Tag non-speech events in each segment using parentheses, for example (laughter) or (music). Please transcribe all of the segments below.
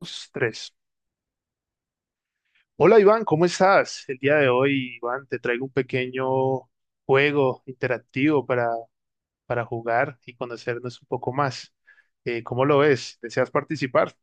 Dos, tres. Hola Iván, ¿cómo estás? El día de hoy, Iván, te traigo un pequeño juego interactivo para jugar y conocernos un poco más. ¿Cómo lo ves? ¿Deseas participar?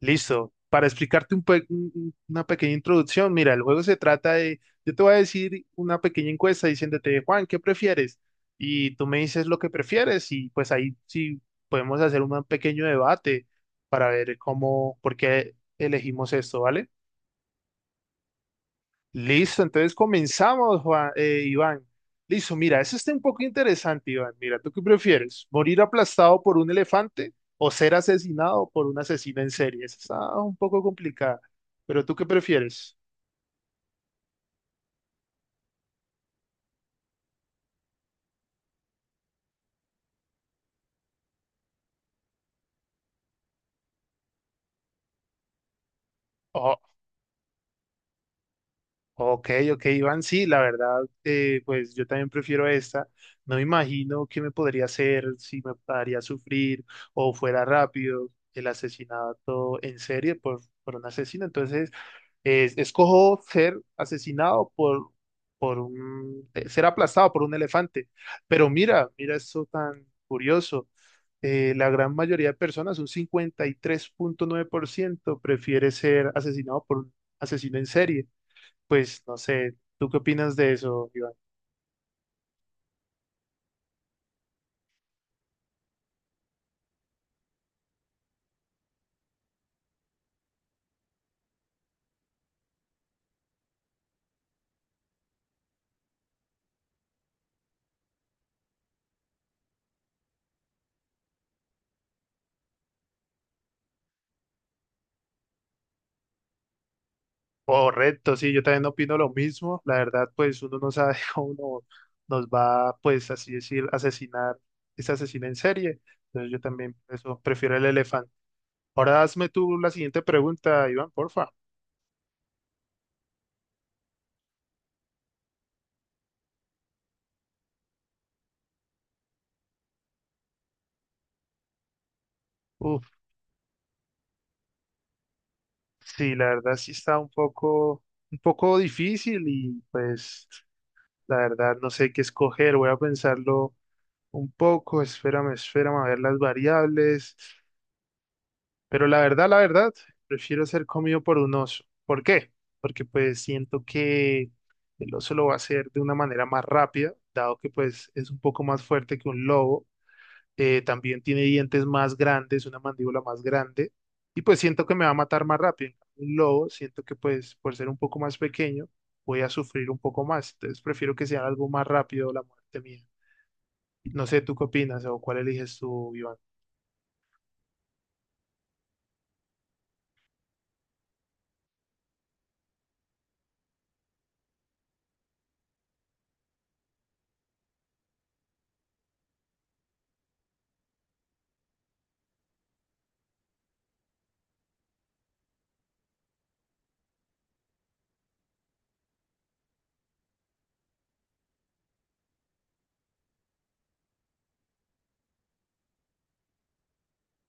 Listo. Para explicarte un pe- un- una pequeña introducción, mira, el juego se trata de, yo te voy a decir una pequeña encuesta diciéndote, Juan, ¿qué prefieres? Y tú me dices lo que prefieres y pues ahí sí podemos hacer un pequeño debate para ver cómo, por qué elegimos esto, ¿vale? Listo, entonces comenzamos, Juan, Iván. Listo, mira, eso está un poco interesante, Iván. Mira, ¿tú qué prefieres? ¿Morir aplastado por un elefante o ser asesinado por un asesino en serie? Esa está un poco complicada, pero ¿tú qué prefieres? Oh, ok, ok, Iván, sí, la verdad, pues yo también prefiero esta. No me imagino qué me podría hacer, si me haría sufrir o fuera rápido el asesinato en serie por un asesino. Entonces, escojo ser asesinado por un, ser aplastado por un elefante. Pero mira, mira esto tan curioso. La gran mayoría de personas, un 53,9% prefiere ser asesinado por un asesino en serie. Pues no sé, ¿tú qué opinas de eso, Iván? Correcto, sí, yo también opino lo mismo. La verdad, pues uno no sabe (laughs) cómo uno nos va, pues así decir, asesinar, ese asesino en serie. Entonces yo también por eso prefiero el elefante. Ahora hazme tú la siguiente pregunta, Iván, porfa. Uf, sí, la verdad sí está un poco difícil y pues la verdad no sé qué escoger. Voy a pensarlo un poco, espérame, espérame a ver las variables. Pero la verdad, prefiero ser comido por un oso. ¿Por qué? Porque pues siento que el oso lo va a hacer de una manera más rápida, dado que pues es un poco más fuerte que un lobo, también tiene dientes más grandes, una mandíbula más grande, y pues siento que me va a matar más rápido. En cambio, un lobo, siento que pues por ser un poco más pequeño, voy a sufrir un poco más, entonces prefiero que sea algo más rápido la muerte mía. No sé, ¿tú qué opinas o cuál eliges tú, Iván?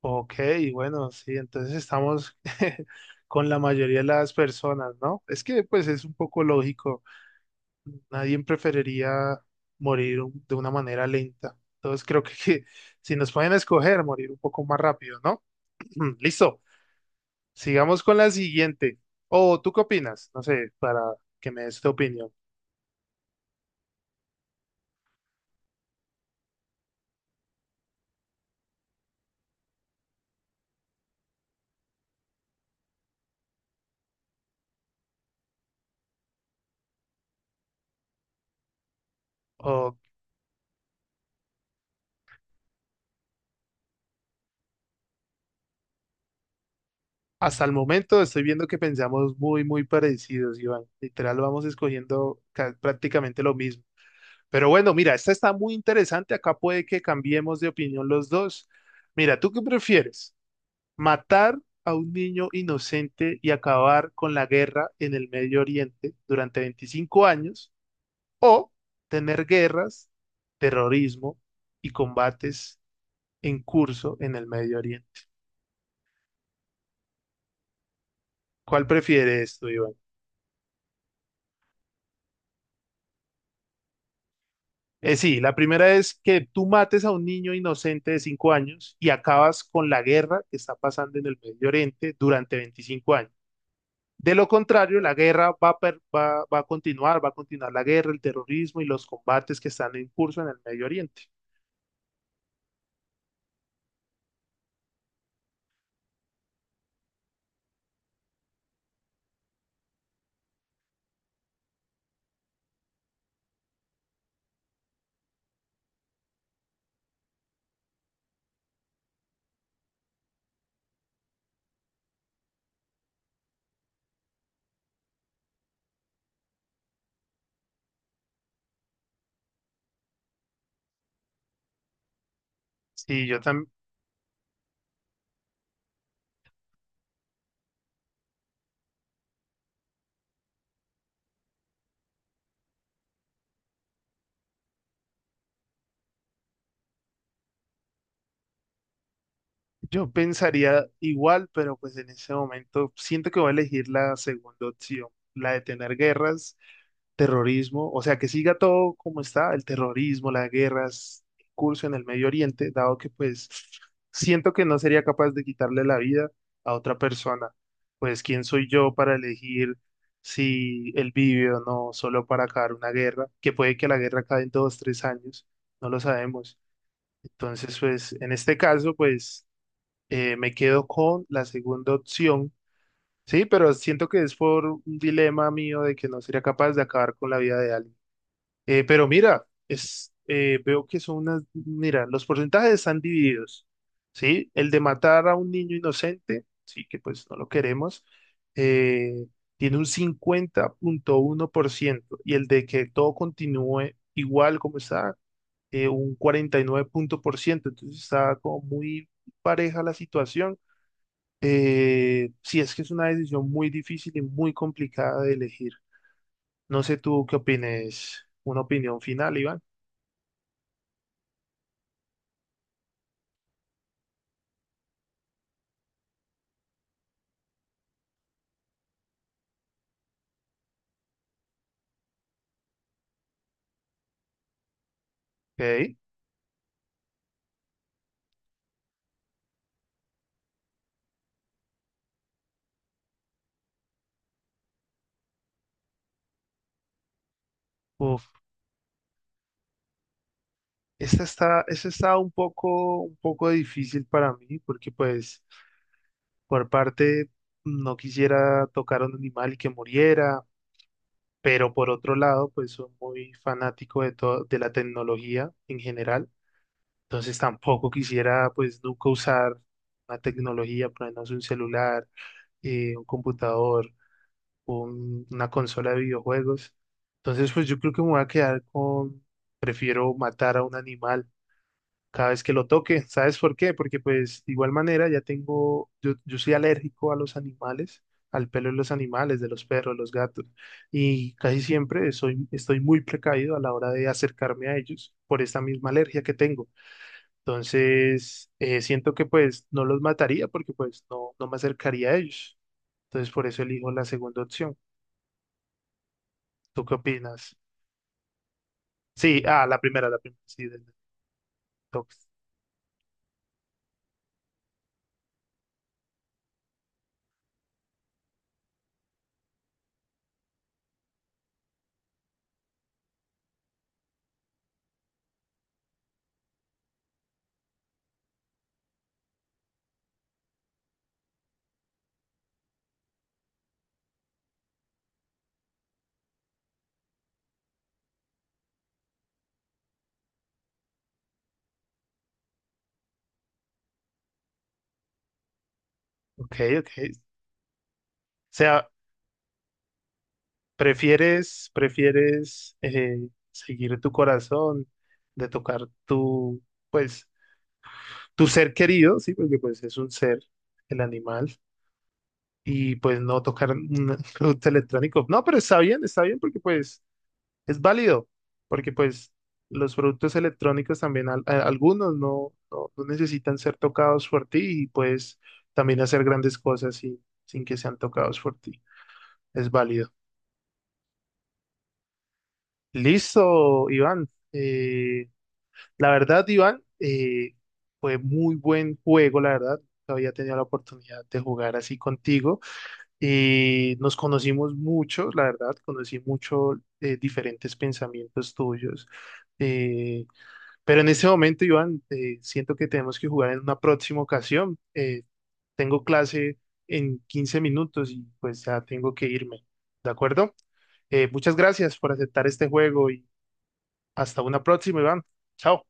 Ok, bueno, sí, entonces estamos (laughs) con la mayoría de las personas, ¿no? Es que pues es un poco lógico. Nadie preferiría morir de una manera lenta. Entonces creo que si nos pueden escoger, morir un poco más rápido, ¿no? (clears throat) Listo. Sigamos con la siguiente. O ¿tú qué opinas? No sé, para que me des tu opinión. O hasta el momento estoy viendo que pensamos muy, muy parecidos, Iván. Literal, vamos escogiendo prácticamente lo mismo. Pero bueno, mira, esta está muy interesante. Acá puede que cambiemos de opinión los dos. Mira, ¿tú qué prefieres? Matar a un niño inocente y acabar con la guerra en el Medio Oriente durante 25 años o tener guerras, terrorismo y combates en curso en el Medio Oriente. ¿Cuál prefieres tú, Iván? Sí, la primera es que tú mates a un niño inocente de 5 años y acabas con la guerra que está pasando en el Medio Oriente durante 25 años. De lo contrario, la guerra va a continuar la guerra, el terrorismo y los combates que están en curso en el Medio Oriente. Sí, yo también, yo pensaría igual, pero pues en ese momento siento que voy a elegir la segunda opción, la de tener guerras, terrorismo, o sea, que siga todo como está, el terrorismo, las guerras, el curso en el Medio Oriente, dado que pues siento que no sería capaz de quitarle la vida a otra persona. Pues quién soy yo para elegir si él vive o no, solo para acabar una guerra, que puede que la guerra acabe en 2 o 3 años, no lo sabemos. Entonces, pues en este caso, pues me quedo con la segunda opción. Sí, pero siento que es por un dilema mío de que no sería capaz de acabar con la vida de alguien. Pero mira, es, veo que son unas, mira, los porcentajes están divididos, ¿sí? El de matar a un niño inocente, sí, que pues no lo queremos, eh, tiene un 50,1% y el de que todo continúe igual como está, un cuarenta y nueve punto por ciento. Entonces está como muy pareja la situación. Sí, es que es una decisión muy difícil y muy complicada de elegir. No sé tú qué opines, una opinión final, Iván. Ok. Uf, esta está un poco difícil para mí, porque pues por parte no quisiera tocar a un animal y que muriera, pero por otro lado, pues soy muy fanático de todo, de la tecnología en general, entonces tampoco quisiera pues nunca usar una tecnología, por lo menos un celular, un computador, una consola de videojuegos. Entonces, pues yo creo que me voy a quedar con, prefiero matar a un animal cada vez que lo toque. ¿Sabes por qué? Porque pues de igual manera ya tengo, yo soy alérgico a los animales, al pelo de los animales, de los perros, los gatos, y casi siempre soy, estoy muy precavido a la hora de acercarme a ellos por esta misma alergia que tengo. Entonces, siento que pues no los mataría porque pues no, no me acercaría a ellos. Entonces, por eso elijo la segunda opción. ¿Tú qué opinas? Sí, ah, la primera, sí, del toque. Ok, ok. O sea, ¿Prefieres seguir tu corazón, de tocar tu, pues, tu ser querido, sí, porque pues es un ser, el animal, y pues no tocar un (laughs) producto electrónico? No, pero está bien, porque pues es válido, porque pues los productos electrónicos también, algunos no, no, no necesitan ser tocados por ti y pues también hacer grandes cosas sin que sean tocados por ti. Es válido. Listo, Iván. La verdad, Iván, fue muy buen juego, la verdad. Había tenido la oportunidad de jugar así contigo. Nos conocimos mucho, la verdad, conocí mucho, diferentes pensamientos tuyos. Eh, pero en este momento, Iván, siento que tenemos que jugar en una próxima ocasión. Tengo clase en 15 minutos y pues ya tengo que irme. ¿De acuerdo? Muchas gracias por aceptar este juego y hasta una próxima, Iván. Chao.